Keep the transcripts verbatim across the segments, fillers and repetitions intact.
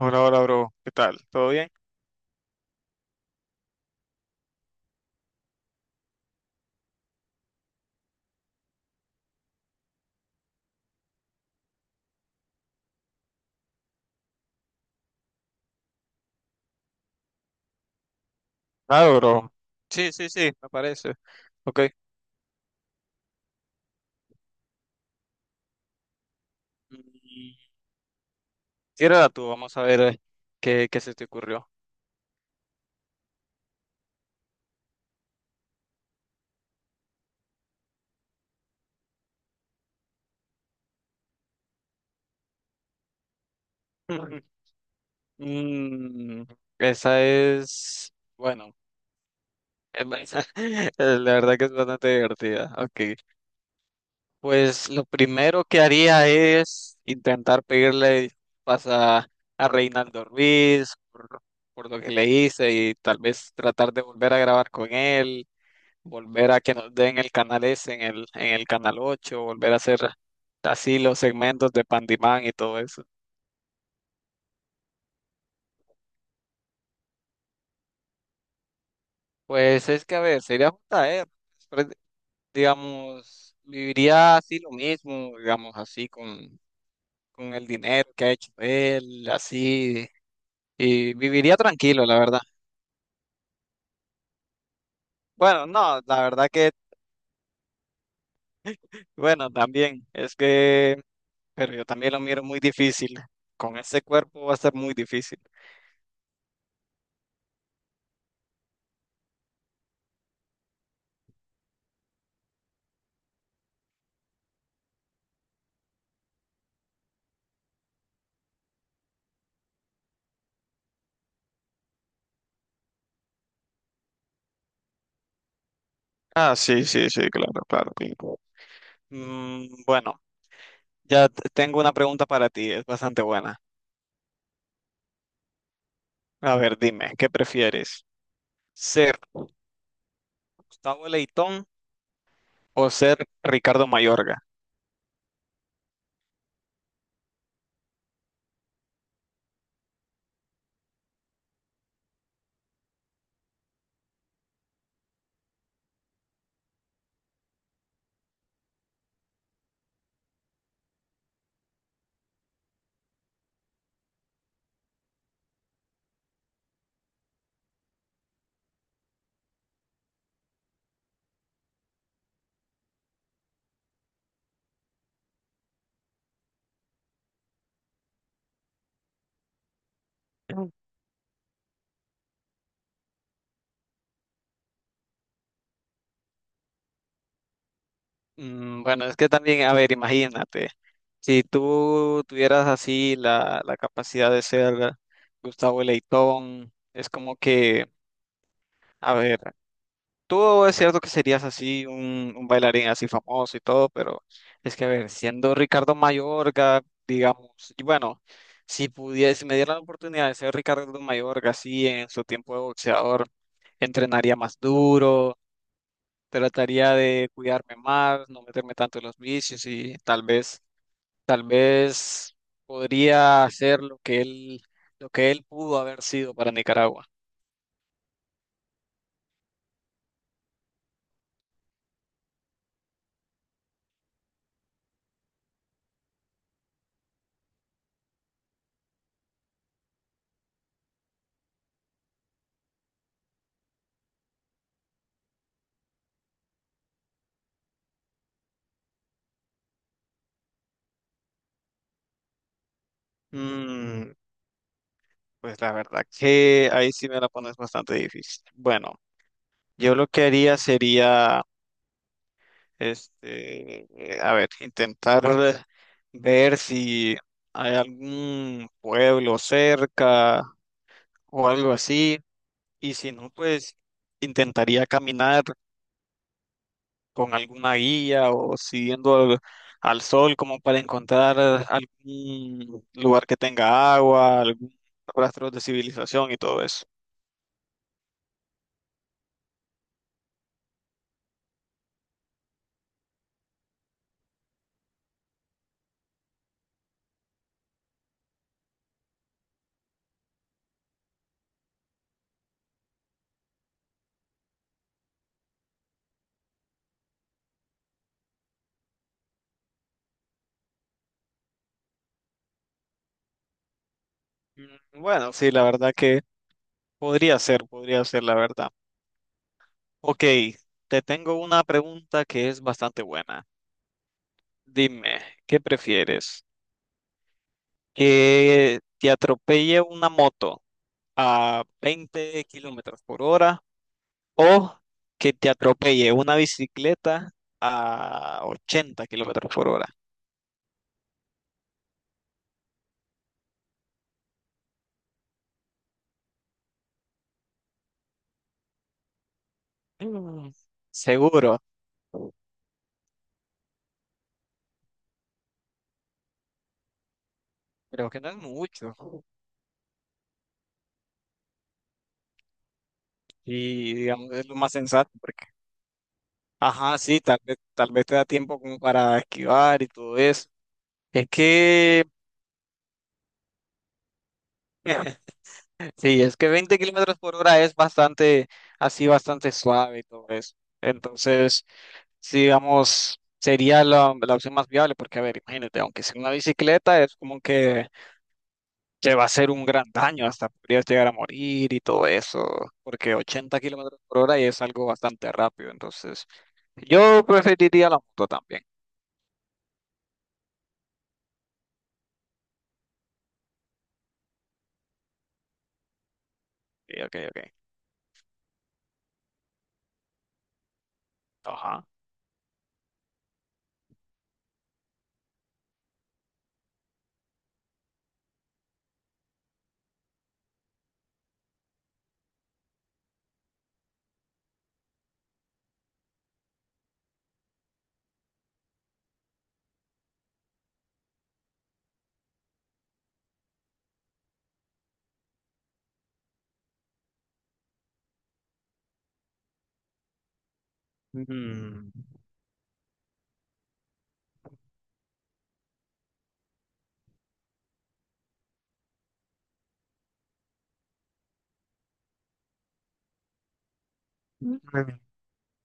Hola, hola, bro. ¿Qué tal? ¿Todo bien? Claro, bro. Sí, sí, sí, me parece. Ok. Mm, Tírala tú, vamos a ver eh, qué, qué se te ocurrió. Mm, esa es, bueno, es ba- la verdad que es bastante divertida. Ok. Pues lo primero que haría es intentar pedirle disculpas a, a Reinaldo Ruiz por, por lo que le hice y tal vez tratar de volver a grabar con él, volver a que nos den el canal S en el, en el canal ocho, volver a hacer así los segmentos de Pandimán y todo eso. Pues es que, a ver, sería un traer, pero, digamos, viviría así lo mismo, digamos, así con, con el dinero que ha hecho él, así, y viviría tranquilo, la verdad. Bueno, no, la verdad que, bueno, también, es que, pero yo también lo miro muy difícil. Con ese cuerpo va a ser muy difícil. Ah, sí, sí, sí, claro, claro, sí. Mm, bueno, ya t- tengo una pregunta para ti, es bastante buena. A ver, dime, ¿qué prefieres? ¿Ser Gustavo Leitón o ser Ricardo Mayorga? Mm, Bueno, es que también, a ver, imagínate, si tú tuvieras así la, la capacidad de ser Gustavo Leitón, es como que, a ver, tú es cierto que serías así un, un bailarín así famoso y todo, pero es que, a ver, siendo Ricardo Mayorga, digamos, y bueno, si pudiese, si me diera la oportunidad de ser Ricardo Mayorga así en su tiempo de boxeador, entrenaría más duro, trataría de cuidarme más, no meterme tanto en los vicios y tal vez, tal vez podría hacer lo que él, lo que él pudo haber sido para Nicaragua. Mm, pues la verdad que ahí sí me la pones bastante difícil. Bueno, yo lo que haría sería, este, a ver, intentar ver si hay algún pueblo cerca o algo así, y si no, pues intentaría caminar con alguna guía o siguiendo al, al sol como para encontrar algún lugar que tenga agua, algún rastro de civilización y todo eso. Mm, Bueno, sí, la verdad que podría ser, podría ser, la verdad. Ok, te tengo una pregunta que es bastante buena. Dime, ¿qué prefieres? ¿Que te atropelle una moto a veinte kilómetros por hora, o que te atropelle una bicicleta a ochenta kilómetros por hora? Mm. Seguro. Creo que no es mucho. Y digamos, es lo más sensato porque, ajá, sí, tal vez, tal vez te da tiempo como para esquivar y todo eso. Es que, sí, es que veinte kilómetros por hora es bastante, así, bastante suave y todo eso. Entonces, sí, digamos, sería la, la opción más viable porque, a ver, imagínate, aunque sea una bicicleta, es como que que va a ser un gran daño, hasta podrías llegar a morir y todo eso, porque ochenta kilómetros por hora es algo bastante rápido, entonces yo preferiría la moto también. Ok, ok, ok. Ajá. Mm,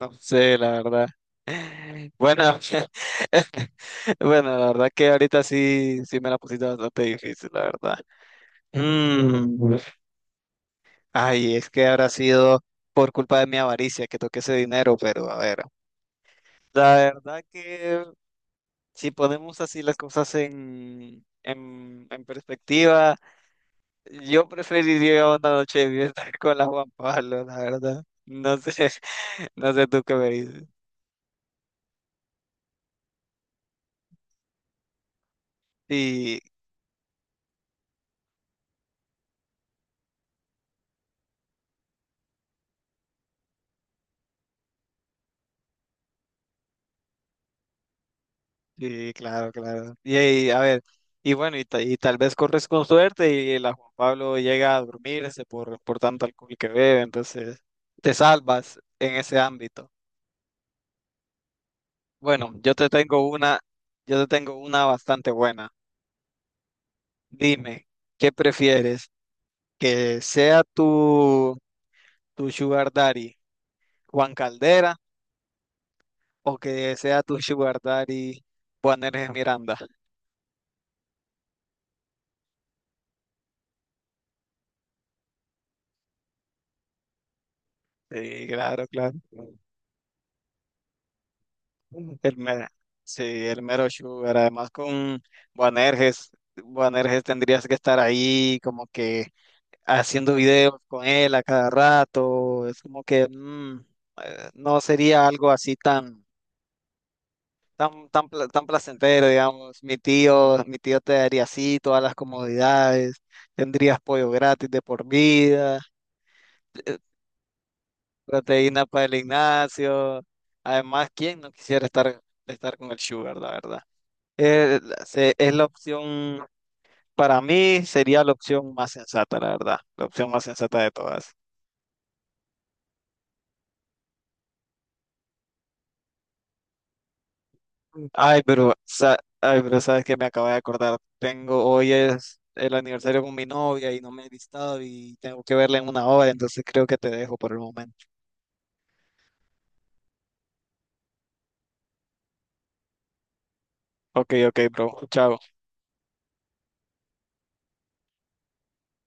no sé, la verdad. Bueno, bueno, la verdad que ahorita sí, sí me la pusiste bastante difícil, la verdad. Mm, Ay, es que habrá sido por culpa de mi avaricia que toqué ese dinero, pero a ver. La verdad que si ponemos así las cosas en, en, en perspectiva, yo preferiría una noche de fiesta con la Juan Pablo, la verdad. No sé, no sé tú qué me dices. Sí, sí, claro, claro. Y, ahí, a ver, y bueno, y, ta- y tal vez corres con suerte y la Juan Pablo llega a dormirse por, por tanto alcohol que bebe, entonces te salvas en ese ámbito. Bueno, yo te tengo una, yo te tengo una bastante buena. Dime, ¿qué prefieres? que sea tu, tu sugar daddy Juan Caldera, o que sea tu sugar daddy Juan Hernández Miranda. Sí, claro, claro. El mero, sí, el mero sugar. Además con Juan Herges, tendrías que estar ahí como que haciendo videos con él a cada rato. Es como que mm, eh, no sería algo así tan tan, tan, pla- tan placentero, digamos. Mi tío, mi tío te daría así todas las comodidades, tendrías pollo gratis de por vida, eh, proteína para el gimnasio. Además, ¿quién no quisiera estar, estar con el sugar, la verdad? Eh, la- se- es la opción, para mí sería la opción más sensata, la verdad, la opción más sensata de todas. Ay, pero, sa- ay, pero sabes que me acabo de acordar. Tengo, hoy es el aniversario con mi novia y no me he listado y tengo que verla en una hora, entonces creo que te dejo por el momento. Ok, ok, bro. Chao.